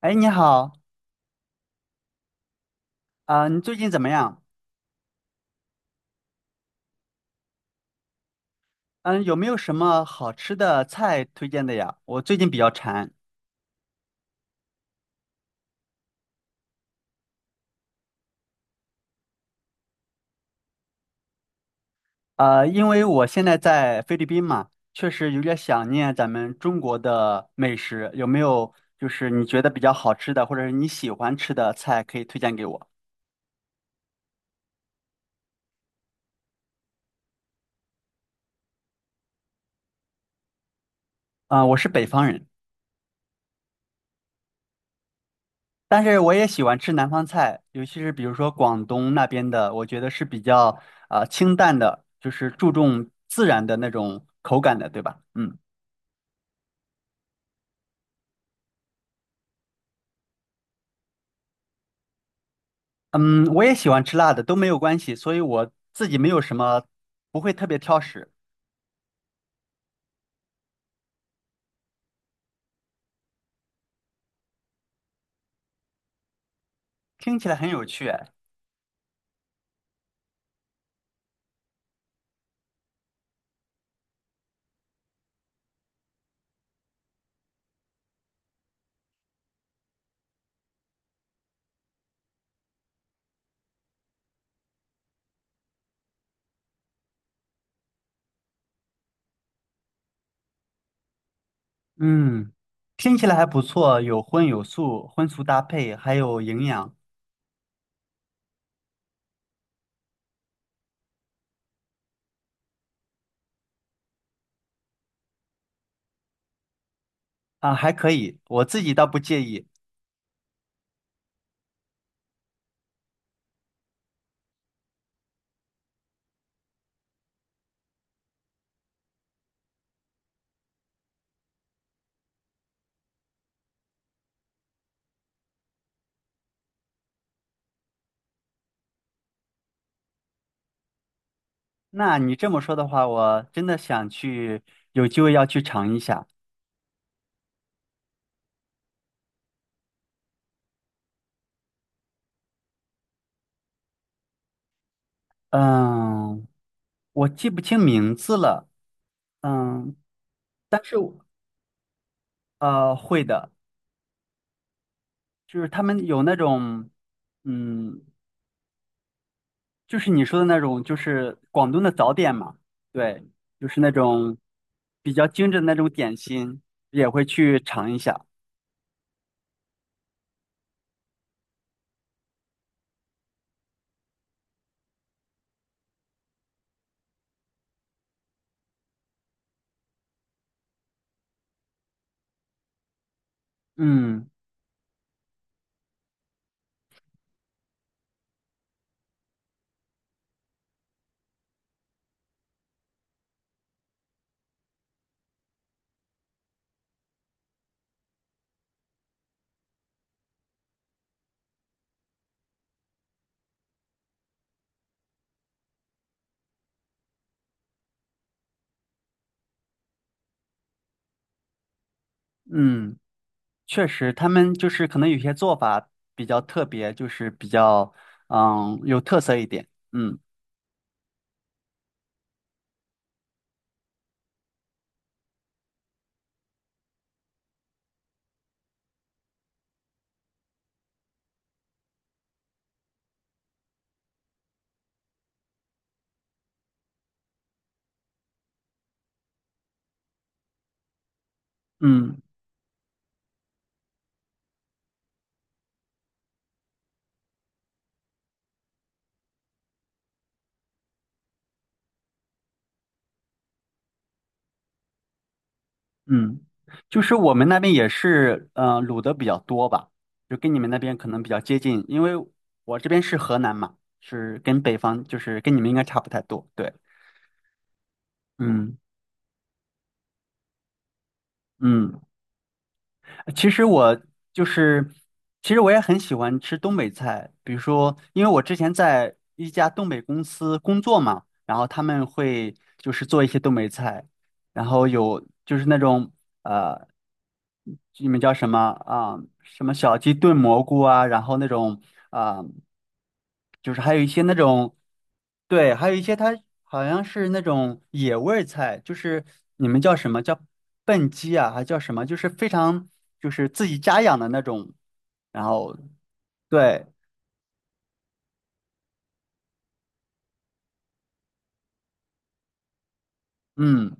哎，你好，你最近怎么样？嗯，有没有什么好吃的菜推荐的呀？我最近比较馋。因为我现在在菲律宾嘛，确实有点想念咱们中国的美食。有没有就是你觉得比较好吃的，或者是你喜欢吃的菜可以推荐给我？我是北方人，但是我也喜欢吃南方菜，尤其是比如说广东那边的，我觉得是比较清淡的，就是注重自然的那种口感的，对吧？嗯。嗯，我也喜欢吃辣的，都没有关系，所以我自己没有什么，不会特别挑食。听起来很有趣哎。嗯，听起来还不错，有荤有素，荤素搭配，还有营养。啊，还可以，我自己倒不介意。那你这么说的话，我真的想去，有机会要去尝一下。嗯，我记不清名字了。嗯，但是我会的，就是他们有那种。嗯，就是你说的那种，就是广东的早点嘛，对，就是那种比较精致的那种点心，也会去尝一下。嗯。嗯，确实，他们就是可能有些做法比较特别，就是比较嗯有特色一点。嗯。嗯。嗯，就是我们那边也是嗯、卤的比较多吧，就跟你们那边可能比较接近，因为我这边是河南嘛，是跟北方就是跟你们应该差不太多。对。嗯。嗯。其实我就是，其实我也很喜欢吃东北菜，比如说，因为我之前在一家东北公司工作嘛，然后他们会就是做一些东北菜，然后有就是那种呃，你们叫什么什么小鸡炖蘑菇啊，然后那种啊、就是还有一些那种，对，还有一些它好像是那种野味儿菜，就是你们叫什么叫笨鸡啊，还叫什么？就是非常就是自己家养的那种，然后对。嗯。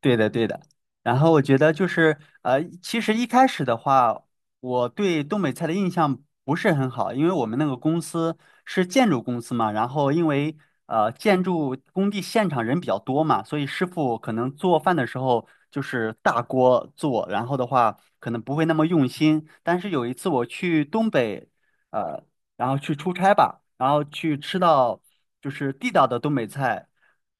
对的，对的。然后我觉得就是，其实一开始的话，我对东北菜的印象不是很好，因为我们那个公司是建筑公司嘛，然后因为建筑工地现场人比较多嘛，所以师傅可能做饭的时候就是大锅做，然后的话可能不会那么用心。但是有一次我去东北，呃，然后去出差吧，然后去吃到就是地道的东北菜。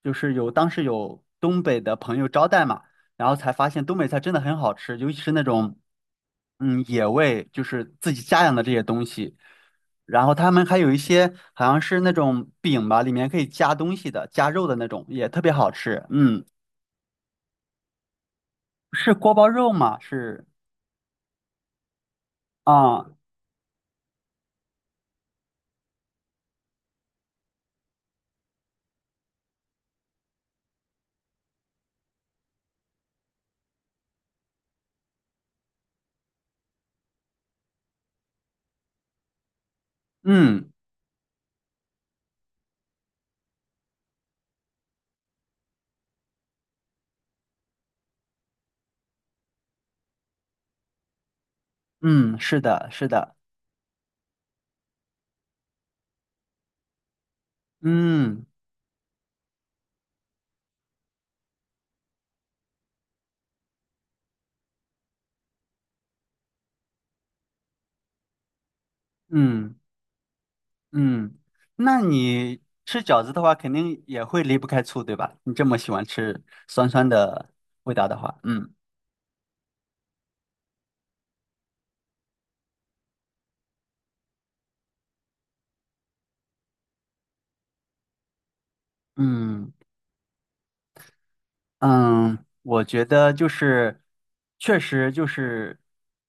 就是有当时有东北的朋友招待嘛，然后才发现东北菜真的很好吃，尤其是那种嗯野味，就是自己家养的这些东西。然后他们还有一些好像是那种饼吧，里面可以加东西的，加肉的那种，也特别好吃。嗯，是锅包肉吗？是啊。嗯。嗯，是的，是的。嗯。嗯。嗯，那你吃饺子的话，肯定也会离不开醋，对吧？你这么喜欢吃酸酸的味道的话，嗯。嗯。嗯，我觉得就是，确实就是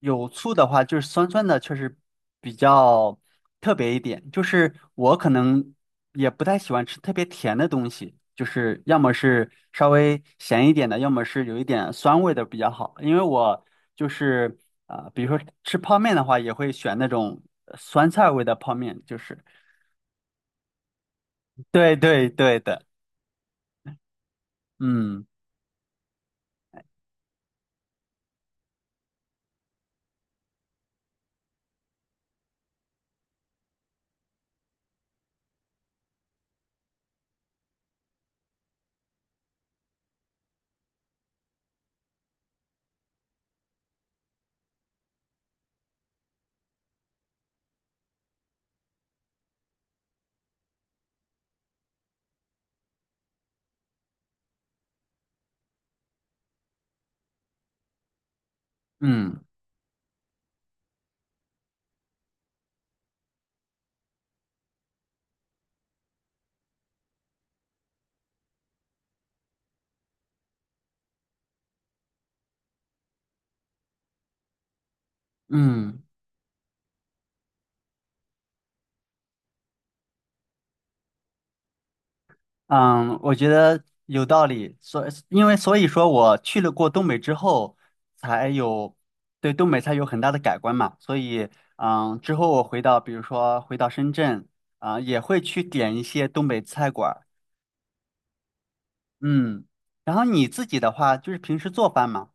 有醋的话，就是酸酸的，确实比较特别一点。就是我可能也不太喜欢吃特别甜的东西，就是要么是稍微咸一点的，要么是有一点酸味的比较好。因为我就是比如说吃泡面的话，也会选那种酸菜味的泡面，就是对对对的。嗯。嗯。嗯。嗯，我觉得有道理，所因为所以说我去了过东北之后，才有对东北菜有很大的改观嘛，所以嗯，之后我回到比如说回到深圳，啊，也会去点一些东北菜馆儿。嗯，然后你自己的话就是平时做饭嘛。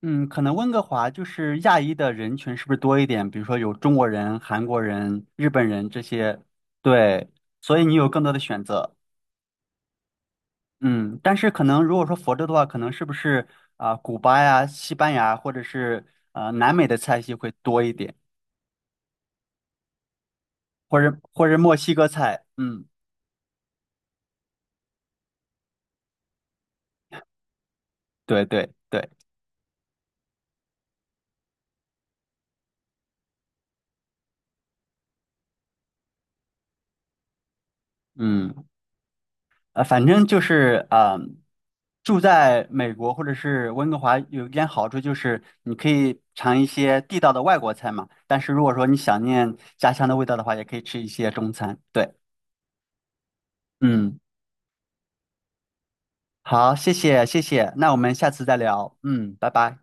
嗯，可能温哥华就是亚裔的人群是不是多一点？比如说有中国人、韩国人、日本人这些，对，所以你有更多的选择。嗯，但是可能如果说佛州的话，可能是不是古巴呀、西班牙或者是南美的菜系会多一点，或者或者墨西哥菜，嗯，对对对。嗯，反正就是住在美国或者是温哥华有一点好处就是你可以尝一些地道的外国菜嘛，但是如果说你想念家乡的味道的话，也可以吃一些中餐，对。嗯，好，谢谢谢谢，那我们下次再聊，嗯，拜拜。